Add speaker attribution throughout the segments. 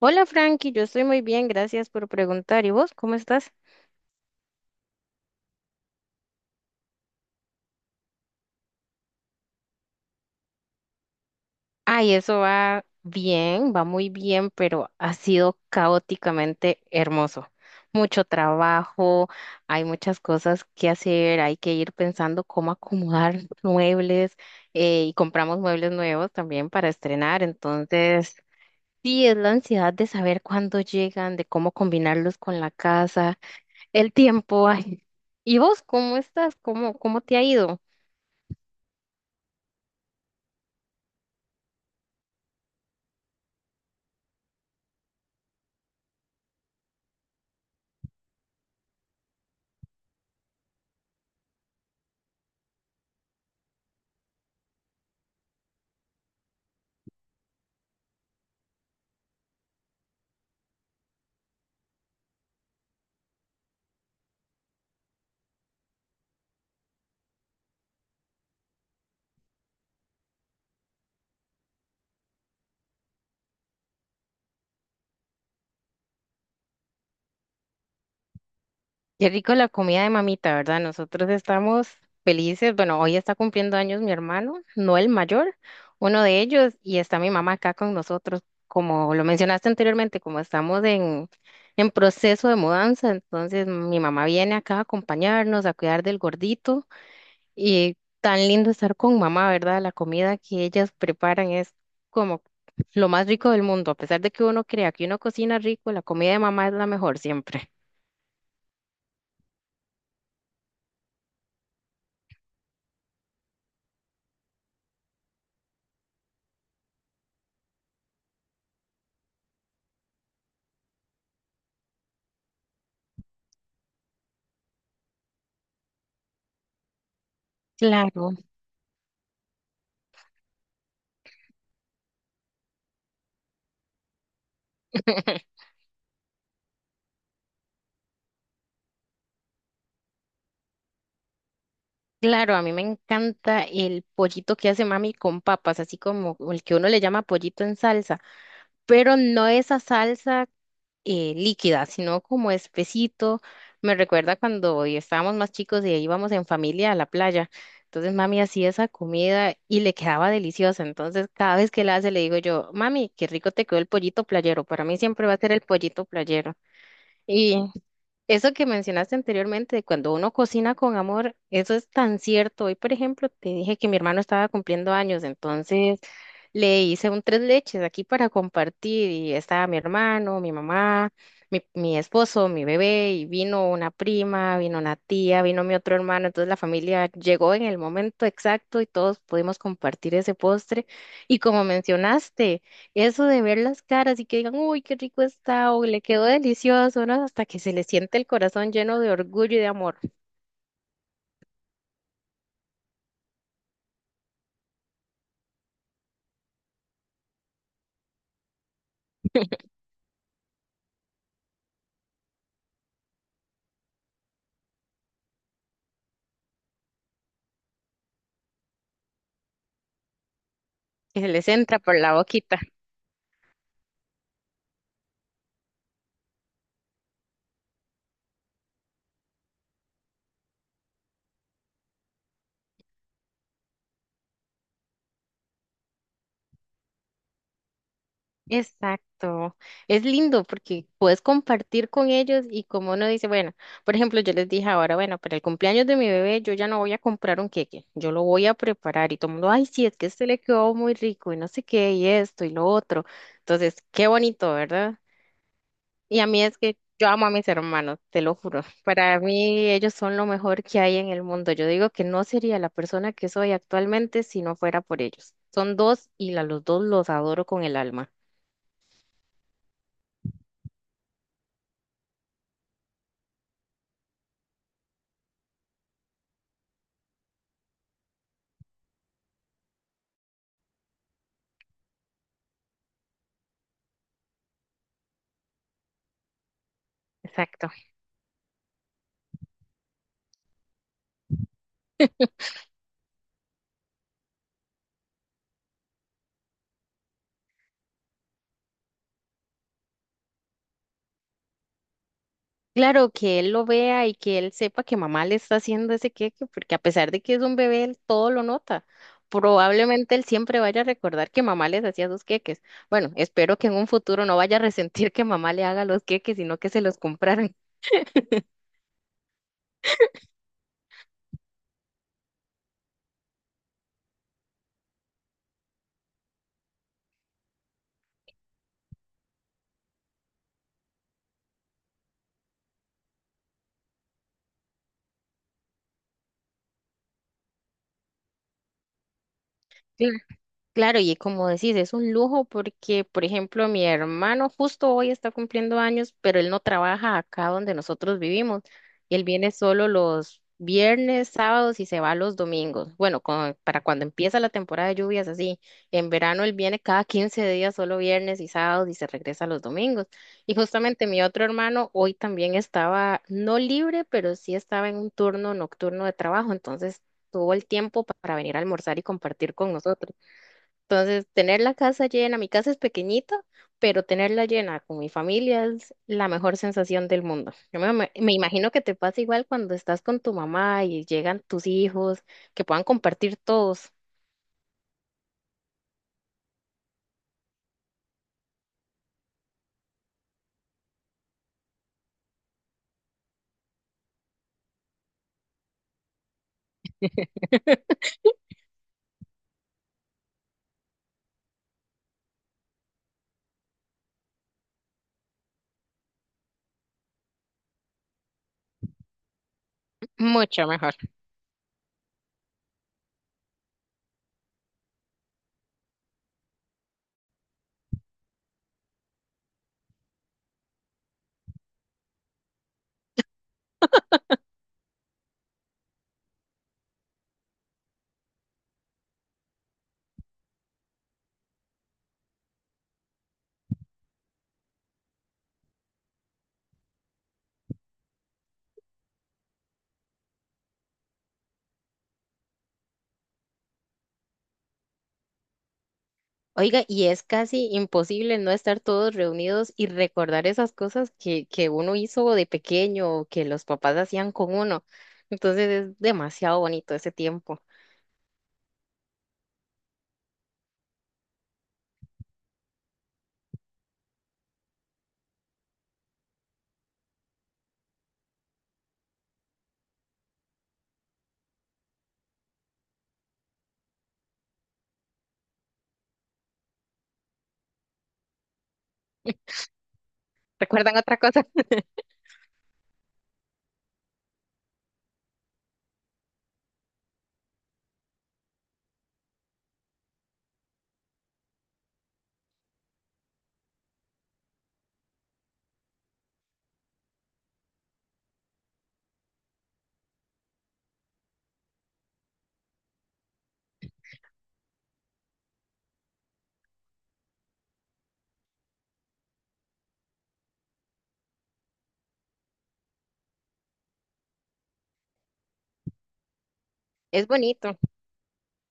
Speaker 1: Hola Frankie, yo estoy muy bien, gracias por preguntar. ¿Y vos cómo estás? Ay, eso va bien, va muy bien, pero ha sido caóticamente hermoso. Mucho trabajo, hay muchas cosas que hacer, hay que ir pensando cómo acomodar muebles y compramos muebles nuevos también para estrenar. Entonces, sí, es la ansiedad de saber cuándo llegan, de cómo combinarlos con la casa, el tiempo. Ay. ¿Y vos cómo estás? ¿Cómo te ha ido? Qué rico la comida de mamita, ¿verdad? Nosotros estamos felices. Bueno, hoy está cumpliendo años mi hermano, no el mayor, uno de ellos, y está mi mamá acá con nosotros. Como lo mencionaste anteriormente, como estamos en proceso de mudanza, entonces mi mamá viene acá a acompañarnos, a cuidar del gordito. Y tan lindo estar con mamá, ¿verdad? La comida que ellas preparan es como lo más rico del mundo. A pesar de que uno crea que uno cocina rico, la comida de mamá es la mejor siempre. Claro. Claro, a mí me encanta el pollito que hace mami con papas, así como el que uno le llama pollito en salsa, pero no esa salsa líquida, sino como espesito. Me recuerda cuando estábamos más chicos y íbamos en familia a la playa. Entonces mami hacía esa comida y le quedaba deliciosa. Entonces cada vez que la hace le digo yo, mami, qué rico te quedó el pollito playero. Para mí siempre va a ser el pollito playero. Eso que mencionaste anteriormente, de cuando uno cocina con amor, eso es tan cierto. Hoy, por ejemplo, te dije que mi hermano estaba cumpliendo años, entonces le hice un tres leches aquí para compartir y estaba mi hermano, mi mamá, mi esposo, mi bebé y vino una prima, vino una tía, vino mi otro hermano. Entonces la familia llegó en el momento exacto y todos pudimos compartir ese postre. Y como mencionaste, eso de ver las caras y que digan, uy, qué rico está o le quedó delicioso, ¿no? Hasta que se les siente el corazón lleno de orgullo y de amor, que se les entra por la boquita. Exacto. Es lindo porque puedes compartir con ellos y como uno dice, bueno, por ejemplo, yo les dije ahora, bueno, para el cumpleaños de mi bebé yo ya no voy a comprar un queque, yo lo voy a preparar y todo el mundo, ay, sí, es que este le quedó muy rico y no sé qué y esto y lo otro. Entonces, qué bonito, ¿verdad? Y a mí es que yo amo a mis hermanos, te lo juro. Para mí ellos son lo mejor que hay en el mundo. Yo digo que no sería la persona que soy actualmente si no fuera por ellos. Son dos y a los dos los adoro con el alma. Exacto. Claro, que él lo vea y que él sepa que mamá le está haciendo ese queque, porque a pesar de que es un bebé, él todo lo nota. Probablemente él siempre vaya a recordar que mamá les hacía sus queques. Bueno, espero que en un futuro no vaya a resentir que mamá le haga los queques, sino que se los compraran. Claro, y como decís, es un lujo porque, por ejemplo, mi hermano justo hoy está cumpliendo años, pero él no trabaja acá donde nosotros vivimos. Él viene solo los viernes, sábados y se va los domingos. Bueno, para cuando empieza la temporada de lluvias, así. En verano él viene cada 15 días, solo viernes y sábados y se regresa los domingos. Y justamente mi otro hermano hoy también estaba, no libre, pero sí estaba en un turno nocturno de trabajo, entonces tuvo el tiempo para venir a almorzar y compartir con nosotros. Entonces, tener la casa llena, mi casa es pequeñita, pero tenerla llena con mi familia es la mejor sensación del mundo. Yo me imagino que te pasa igual cuando estás con tu mamá y llegan tus hijos, que puedan compartir todos. Mucho mejor. Oiga, y es casi imposible no estar todos reunidos y recordar esas cosas que uno hizo de pequeño o que los papás hacían con uno. Entonces es demasiado bonito ese tiempo. ¿Recuerdan otra cosa? Es bonito.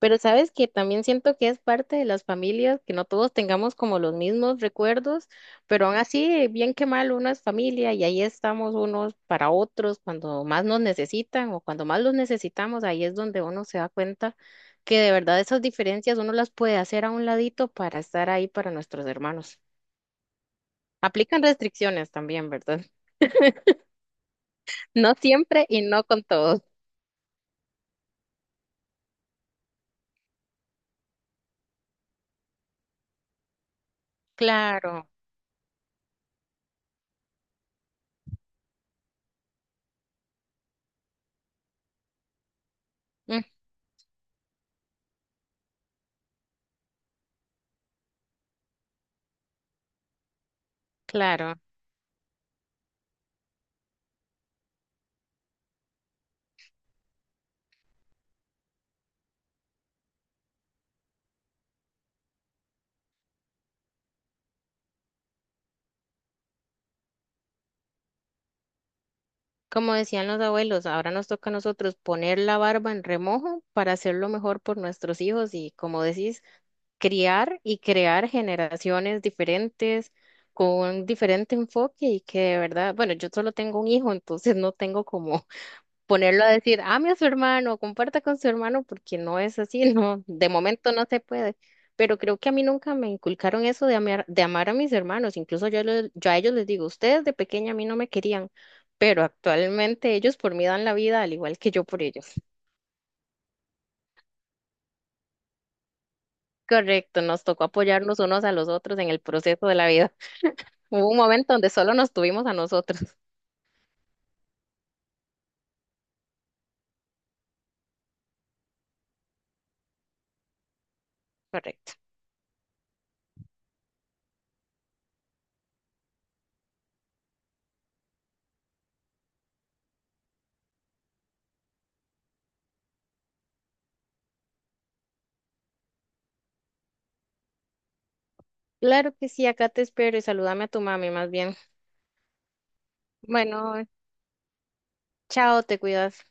Speaker 1: Pero sabes que también siento que es parte de las familias, que no todos tengamos como los mismos recuerdos, pero aún así, bien que mal, uno es familia y ahí estamos unos para otros cuando más nos necesitan o cuando más los necesitamos, ahí es donde uno se da cuenta que de verdad esas diferencias uno las puede hacer a un ladito para estar ahí para nuestros hermanos. Aplican restricciones también, ¿verdad? No siempre y no con todos. Claro, mm, claro. Como decían los abuelos, ahora nos toca a nosotros poner la barba en remojo para hacerlo mejor por nuestros hijos y, como decís, criar y crear generaciones diferentes con un diferente enfoque y que de verdad, bueno, yo solo tengo un hijo, entonces no tengo como ponerlo a decir, ame a su hermano, comparta con su hermano, porque no es así, no, de momento no se puede. Pero creo que a mí nunca me inculcaron eso de amar a mis hermanos. Incluso yo, yo a ellos les digo, ustedes de pequeña a mí no me querían, pero actualmente ellos por mí dan la vida, al igual que yo por ellos. Correcto, nos tocó apoyarnos unos a los otros en el proceso de la vida. Hubo un momento donde solo nos tuvimos a nosotros. Correcto. Claro que sí, acá te espero y salúdame a tu mami más bien. Bueno, chao, te cuidas.